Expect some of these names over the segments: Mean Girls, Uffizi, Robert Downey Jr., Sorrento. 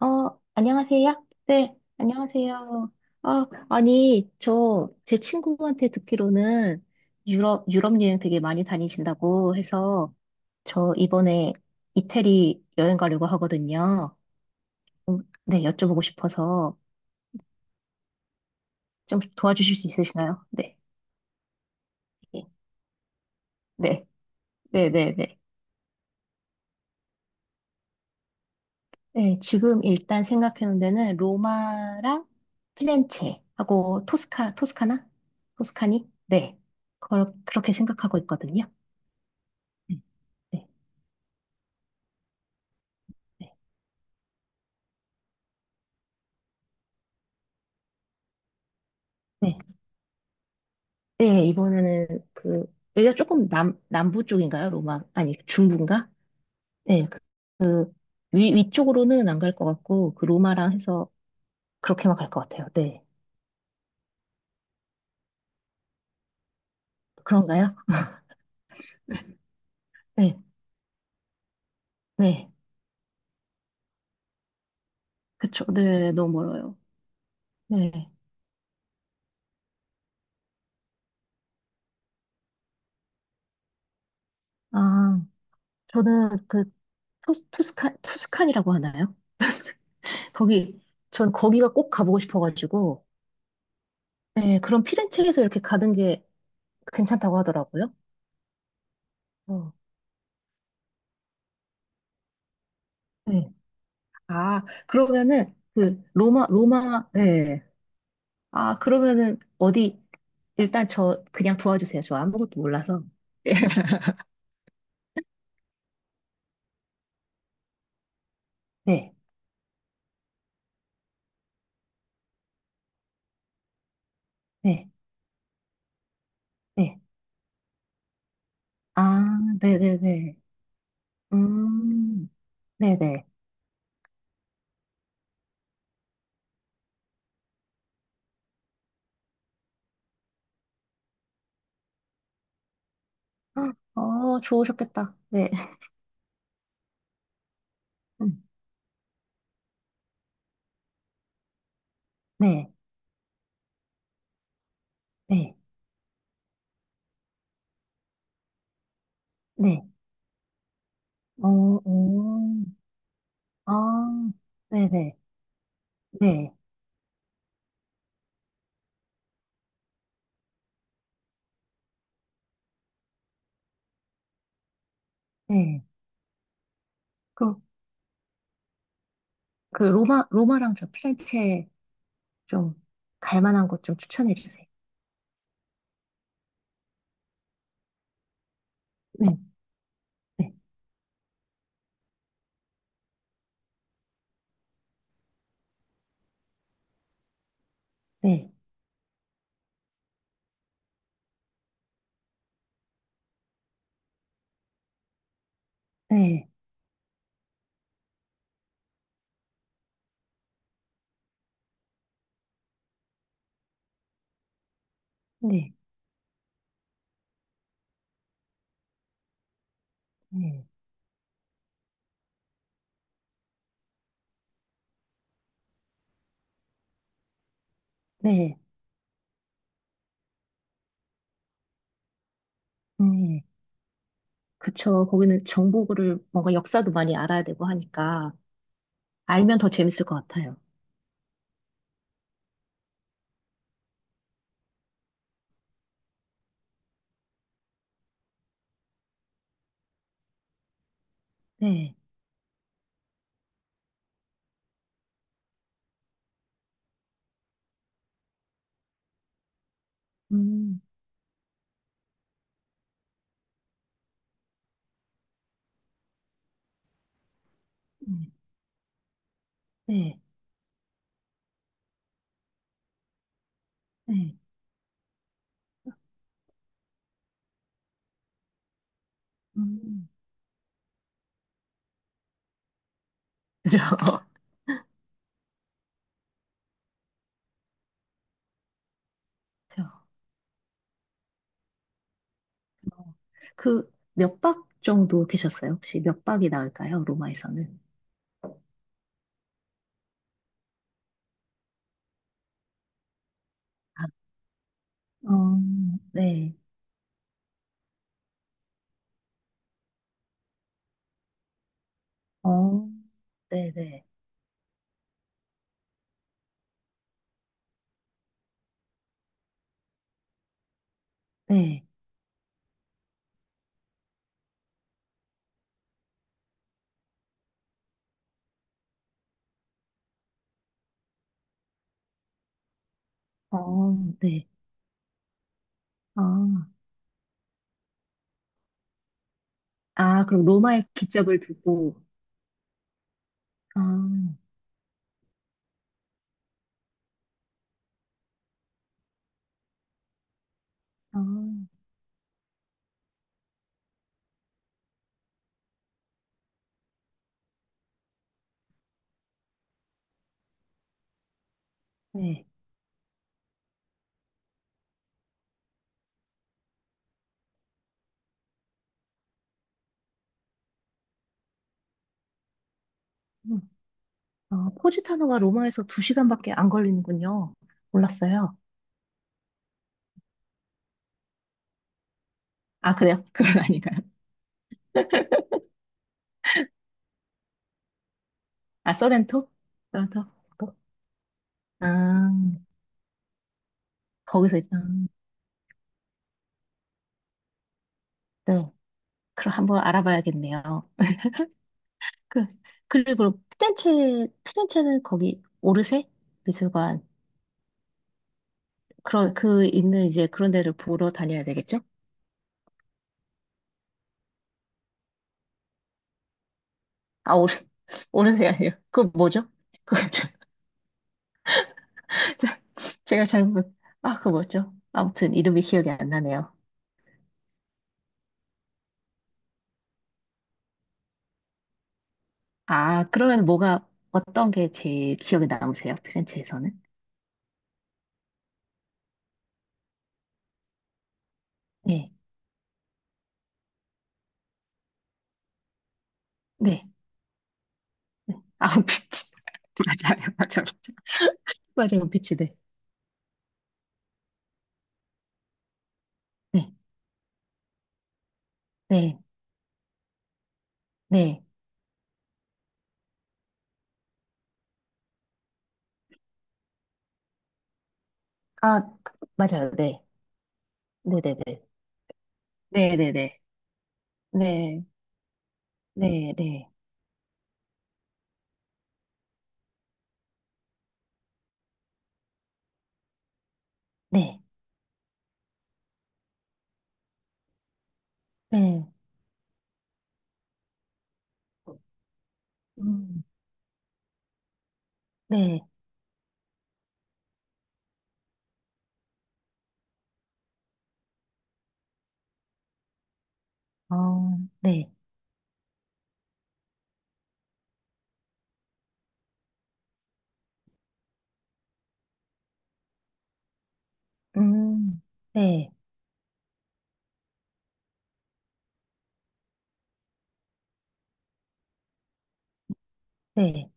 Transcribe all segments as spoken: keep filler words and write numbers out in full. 어, 안녕하세요. 네, 안녕하세요. 아, 아니, 저, 제 친구한테 듣기로는 유럽, 유럽 여행 되게 많이 다니신다고 해서 저 이번에 이태리 여행 가려고 하거든요. 네, 여쭤보고 싶어서 좀 도와주실 수 있으신가요? 네. 네, 네, 네, 네. 네, 네, 지금 일단 생각해 놓은 데는 로마랑 피렌체하고 토스카, 토스카나? 토스카니? 네. 그걸, 그렇게 생각하고 있거든요. 음, 네. 네, 네, 네, 이번에는 그, 여기가 조금 남, 남부 쪽인가요? 로마, 아니, 중부인가? 네, 그, 위, 위쪽으로는 안 갈 것 같고, 그 로마랑 해서 그렇게만 갈 것 같아요. 네. 그런가요? 네, 네. 그쵸. 네, 너무 멀어요. 네. 아, 저는 그, 투, 투스칸, 투스칸이라고 하나요? 거기, 전 거기가 꼭 가보고 싶어가지고, 네, 그런 피렌체에서 이렇게 가는 게 괜찮다고 하더라고요. 어, 네. 아, 그러면은, 그, 로마, 로마, 예. 아, 그러면은, 어디, 일단 저, 그냥 도와주세요. 저 아무것도 몰라서. 네, 네, 네. 아, 네네네. 음, 네네. 어, 좋으셨겠다. 네. 음, 네, 네, 네. 어, 어, 아, 네네, 네, 네. 그, 그, 로마, 로마랑 저 피렌체 좀, 갈 만한 곳 좀 추천해 주세요. 네, 네, 네, 네. 네, 네, 네, 네. 그쵸. 거기는 정보를 뭔가 역사도 많이 알아야 되고 하니까 알면 더 재밌을 것 같아요. 네, 음, 네, 네, 네, 음. 그죠? 그죠? 그 몇 박 정도 계셨어요? 혹시 몇 박이 나을까요? 로마에서는? 아, 어, 네, 어, 네, 네, 네, 어, 네, 아, 아, 그럼 로마의 기적을 듣고, 아, 아, 네. 음. 어, 포지타노가 로마에서 두시간밖에안 걸리는군요. 몰랐어요. 아, 그래요? 그건 아닌가요? 아, 소렌토? 소렌토? 뭐? 아, 거기서 있어. 네. 그럼 한번 알아봐야겠네요. 그, 그리고 피렌체, 피렌체는 거기 오르세 미술관. 그런, 그 있는 이제 그런 데를 보러 다녀야 되겠죠? 아, 오르, 오르세 아니에요. 그거 뭐죠? 그거, 저- 저- 제가 잘못, 아, 그거 뭐죠? 아무튼 이름이 기억이 안 나네요. 아, 그러면 뭐가, 어떤 게 제일 기억에 남으세요? 피렌체에서는? 네, 네. 네. 아우비치. 맞아요, 맞아요. 맞아요, 아우비치, 네. 네, 네, 네. 아, 맞아요, 네. 네네네. 네네네. 네, 네, 네. 네, 네. 음, 네. 어, 네. 네. 아, 네. 음, 네, 네.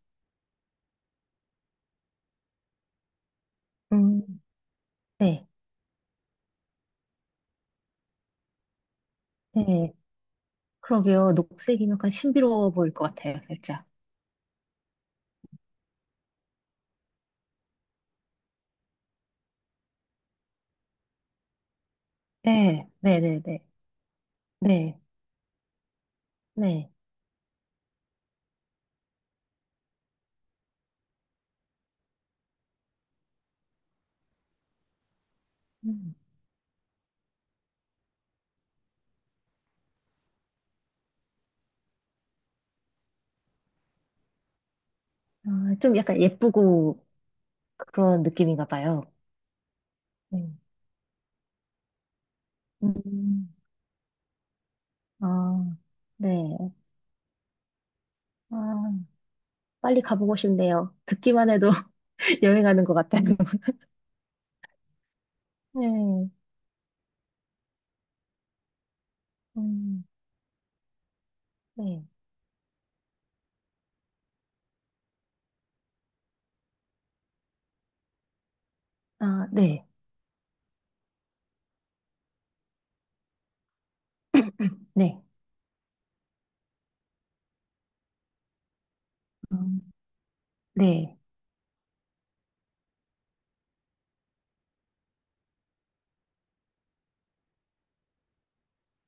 음, 네, 네. 그러게요. 녹색이면 약간 신비로워 보일 것 같아요, 살짝. 네, 네네네. 네. 네. 네. 네. 음. 아, 좀 약간 예쁘고 그런 느낌인가 봐요. 네. 음, 아, 네. 아, 빨리 가보고 싶네요. 듣기만 해도 여행하는 것 같아요. 네, 음, 네. 아, 네. 네. 음, 네.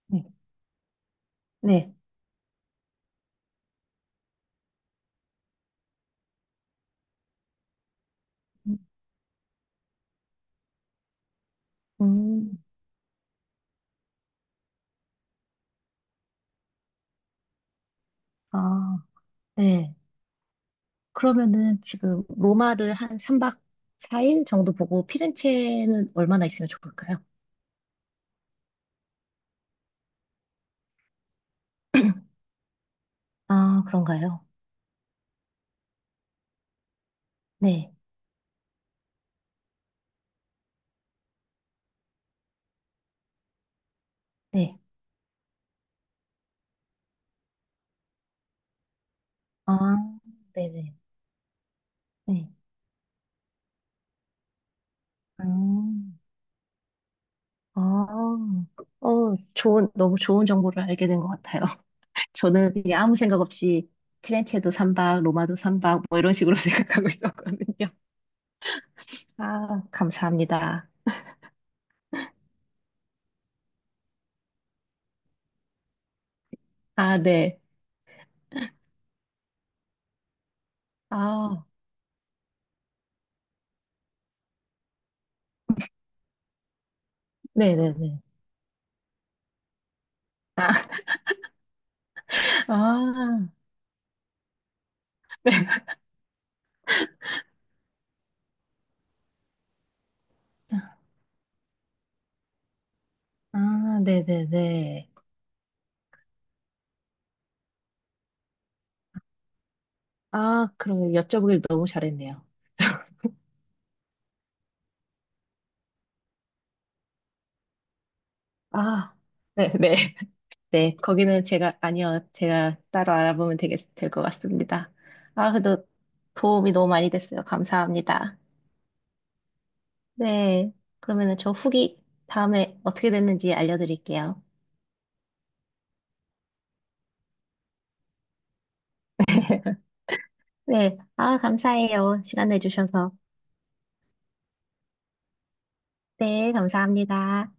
네. 네. 음, 아, 네. 그러면은 지금 로마를 한 삼 박 사 일 정도 보고 피렌체는 얼마나 있으면 좋을까요? 아, 그런가요? 네. 네. 아, 네네. 네. 음. 아, 어, 좋은, 너무 좋은 정보를 알게 된 것 같아요. 저는 그냥 아무 생각 없이 피렌체도 삼박 로마도 삼박 뭐 이런 식으로 생각하고 있었거든요. 아, 감사합니다. 아, 네. 아, 네네네. 아, 아, 네. 아, 네네네. 아, 그럼 여쭤보길 너무 잘했네요. 아, 네네. 네, 거기는 제가, 아니요, 제가 따로 알아보면 되겠, 될 것 같습니다. 아, 그래도 도움이 너무 많이 됐어요. 감사합니다. 네, 그러면은 저 후기 다음에 어떻게 됐는지 알려드릴게요. 네, 아, 감사해요. 시간 내주셔서. 네, 감사합니다.